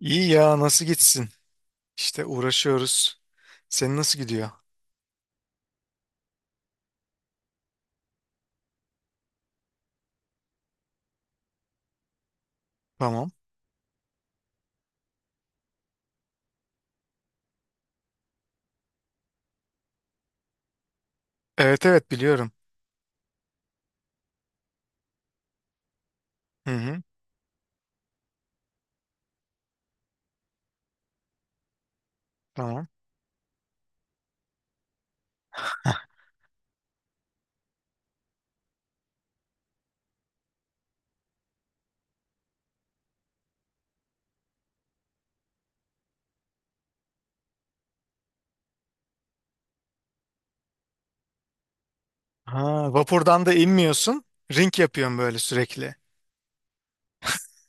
İyi ya nasıl gitsin? İşte uğraşıyoruz. Senin nasıl gidiyor? Tamam. Evet evet biliyorum. Hı hı. Tamam. Ha, vapurdan da inmiyorsun. Ring yapıyorsun böyle sürekli.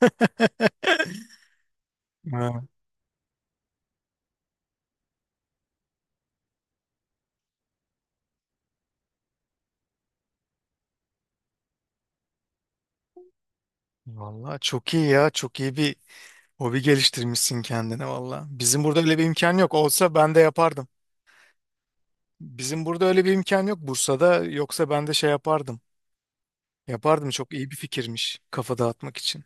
Ha. Vallahi çok iyi ya. Çok iyi bir hobi geliştirmişsin kendine valla. Bizim burada öyle bir imkan yok. Olsa ben de yapardım. Bizim burada öyle bir imkan yok Bursa'da. Yoksa ben de şey yapardım. Yapardım çok iyi bir fikirmiş. Kafa dağıtmak için.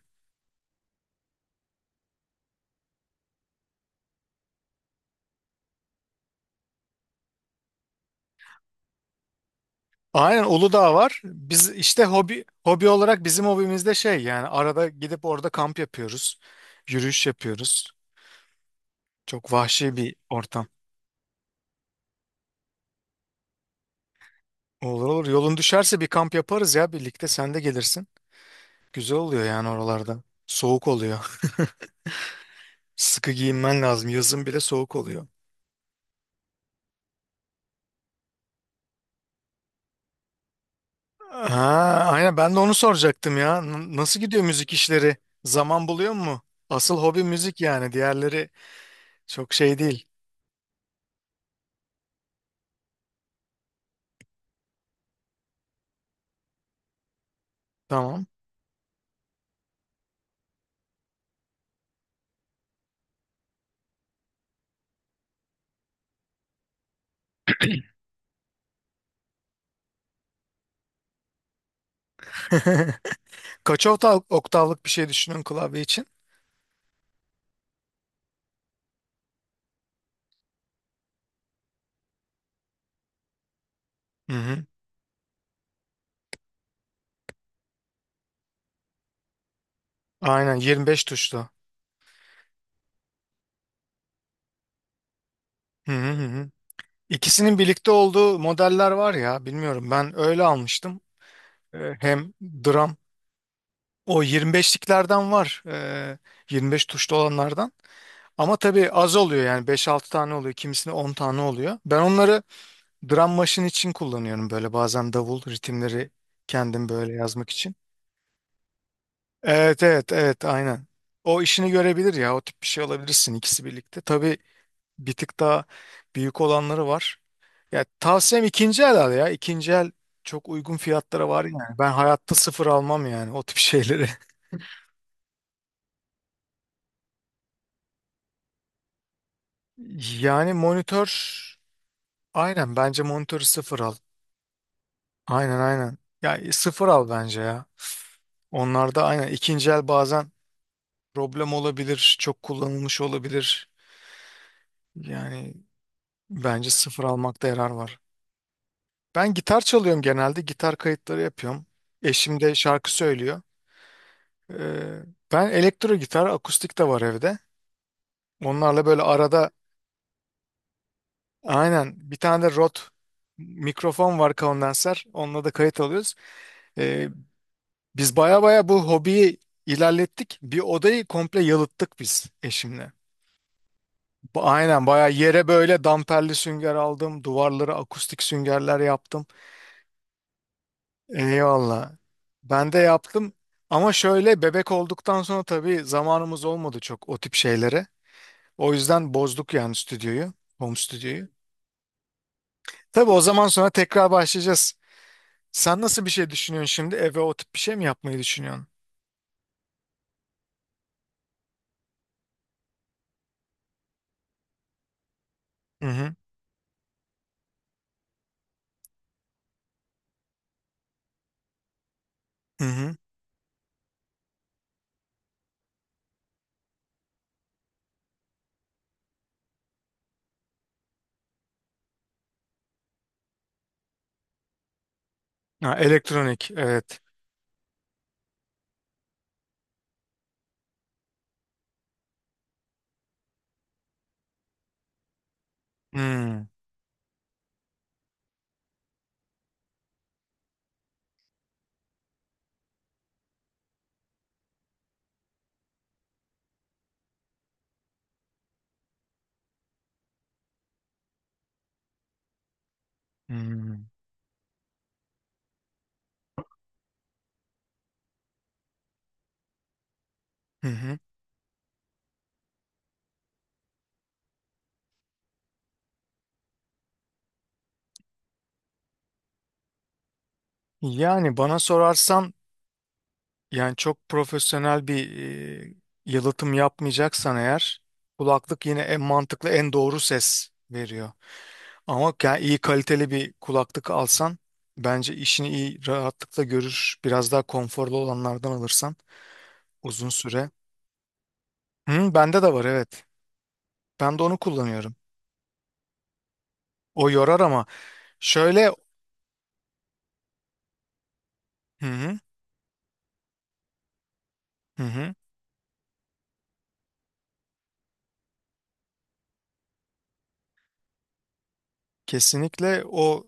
Aynen Uludağ var. Biz işte hobi hobi olarak bizim hobimizde şey yani arada gidip orada kamp yapıyoruz. Yürüyüş yapıyoruz. Çok vahşi bir ortam. Olur olur. Yolun düşerse bir kamp yaparız ya birlikte sen de gelirsin. Güzel oluyor yani oralarda. Soğuk oluyor. Sıkı giyinmen lazım. Yazın bile soğuk oluyor. Ha, aynen ben de onu soracaktım ya. Nasıl gidiyor müzik işleri? Zaman buluyor mu? Asıl hobi müzik yani. Diğerleri çok şey değil. Tamam. Kaç oktav, oktavlık bir şey düşünün klavye için? Hı hı. Aynen 25 tuşlu. Hı hı hı hı. İkisinin birlikte olduğu modeller var ya, bilmiyorum, ben öyle almıştım. Hem drum o 25'liklerden var. 25 tuşlu olanlardan. Ama tabii az oluyor yani, 5 6 tane oluyor. Kimisinde 10 tane oluyor. Ben onları drum machine için kullanıyorum, böyle bazen davul ritimleri kendim böyle yazmak için. Evet evet evet aynen. O işini görebilir ya, o tip bir şey alabilirsin ikisi birlikte. Tabii bir tık daha büyük olanları var. Ya tavsiyem ikinci el al ya. İkinci el çok uygun fiyatlara var yani. Ben hayatta sıfır almam yani o tip şeyleri. Yani monitör, aynen bence monitörü sıfır al. Aynen aynen. Ya sıfır al bence ya. Onlarda aynen ikinci el bazen problem olabilir, çok kullanılmış olabilir. Yani bence sıfır almakta yarar var. Ben gitar çalıyorum genelde. Gitar kayıtları yapıyorum. Eşim de şarkı söylüyor. Ee, ben elektro gitar, akustik de var evde. Onlarla böyle arada, aynen, bir tane de Rode mikrofon var, kondenser. Onunla da kayıt alıyoruz. Ee, biz baya baya bu hobiyi ilerlettik. Bir odayı komple yalıttık biz eşimle. Aynen baya yere böyle damperli sünger aldım. Duvarlara akustik süngerler yaptım. Eyvallah. Ben de yaptım. Ama şöyle bebek olduktan sonra tabii zamanımız olmadı çok o tip şeylere. O yüzden bozduk yani stüdyoyu, home stüdyoyu. Tabii o zaman sonra tekrar başlayacağız. Sen nasıl bir şey düşünüyorsun şimdi? Eve o tip bir şey mi yapmayı düşünüyorsun? Hı hı. Hı hı. Ha, elektronik, evet. Hmm, hmm. Hı hı. Yani bana sorarsan, yani çok profesyonel bir e, yalıtım yapmayacaksan eğer, kulaklık yine en mantıklı, en doğru ses veriyor. Ama yani iyi kaliteli bir kulaklık alsan bence işini iyi, rahatlıkla görür. Biraz daha konforlu olanlardan alırsan uzun süre. Hı, bende de var, evet. Ben de onu kullanıyorum. O yorar ama şöyle, hı hı, hı hı, kesinlikle o,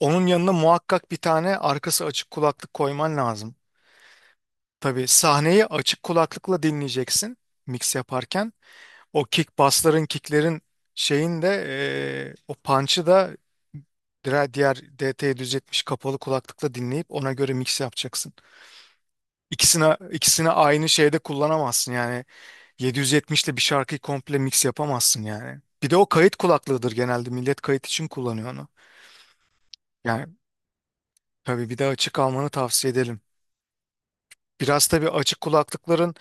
onun yanına muhakkak bir tane arkası açık kulaklık koyman lazım. Tabii sahneyi açık kulaklıkla dinleyeceksin mix yaparken. O kick bassların, kicklerin, şeyin de o punch'ı da, diğer DT'yi düzeltmiş kapalı kulaklıkla dinleyip ona göre mix yapacaksın. İkisine ikisini aynı şeyde kullanamazsın yani, 770 ile bir şarkıyı komple mix yapamazsın yani. Bir de o kayıt kulaklığıdır genelde, millet kayıt için kullanıyor onu. Yani tabii bir de açık almanı tavsiye ederim. Biraz tabii açık kulaklıkların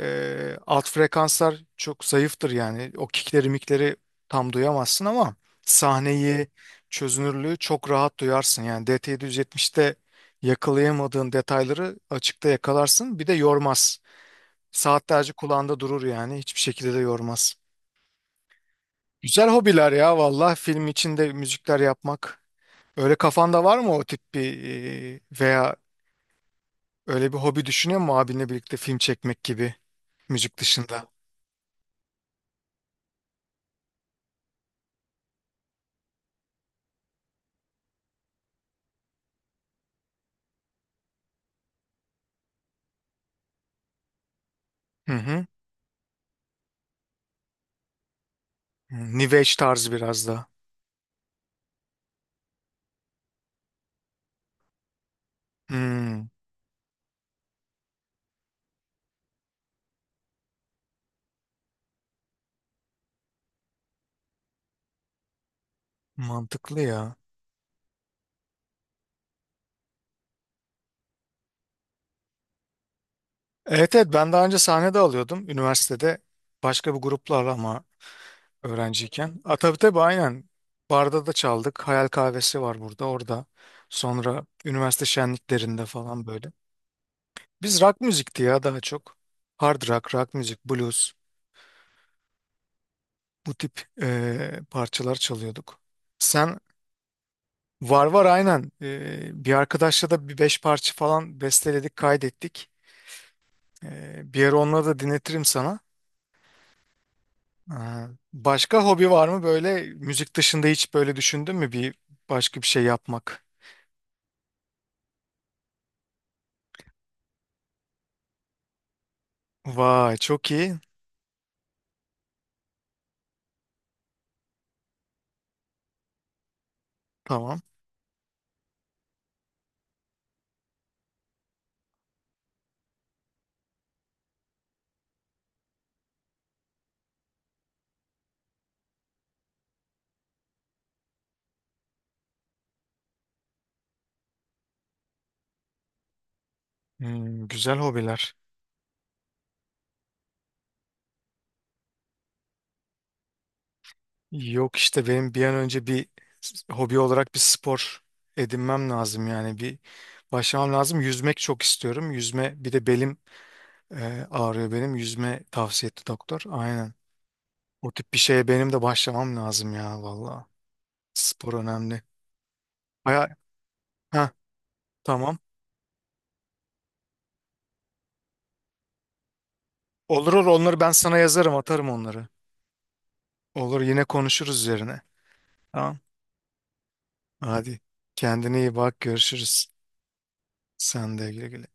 alt frekanslar çok zayıftır yani. O kickleri, mikleri tam duyamazsın ama sahneyi, çözünürlüğü çok rahat duyarsın. Yani DT770'te yakalayamadığın detayları açıkta yakalarsın. Bir de yormaz. Saatlerce kulağında durur yani. Hiçbir şekilde de yormaz. Güzel hobiler ya valla. Film içinde müzikler yapmak. Öyle kafanda var mı o tip bir veya öyle bir hobi düşünüyor musun, abinle birlikte film çekmek gibi, müzik dışında? Hı hı. Hmm, New Age tarzı biraz da. Hmm, mantıklı ya. Evet evet, ben daha önce sahne de alıyordum üniversitede, başka bir gruplarla ama öğrenciyken. A, tabii tabii aynen. Barda da çaldık. Hayal Kahvesi var burada, orada. Sonra üniversite şenliklerinde falan böyle. Biz rock müzikti ya daha çok. Hard rock, rock müzik, blues, bu tip parçalar çalıyorduk. Sen var var aynen. Bir arkadaşla da bir 5 parça falan besteledik, kaydettik. Bir ara onları da dinletirim sana. Ee, Başka hobi var mı böyle müzik dışında, hiç böyle düşündün mü bir başka bir şey yapmak? Vay çok iyi. Tamam. Hmm, güzel hobiler. Yok, işte benim bir an önce bir hobi olarak bir spor edinmem lazım yani, bir başlamam lazım. Yüzmek çok istiyorum. Yüzme, bir de belim ağrıyor benim. Yüzme tavsiye etti doktor. Aynen. O tip bir şeye benim de başlamam lazım ya valla. Spor önemli. Baya. Ha, tamam. Olur olur, onları ben sana yazarım, atarım onları. Olur, yine konuşuruz üzerine. Tamam. Hadi kendine iyi bak, görüşürüz. Sen de güle güle.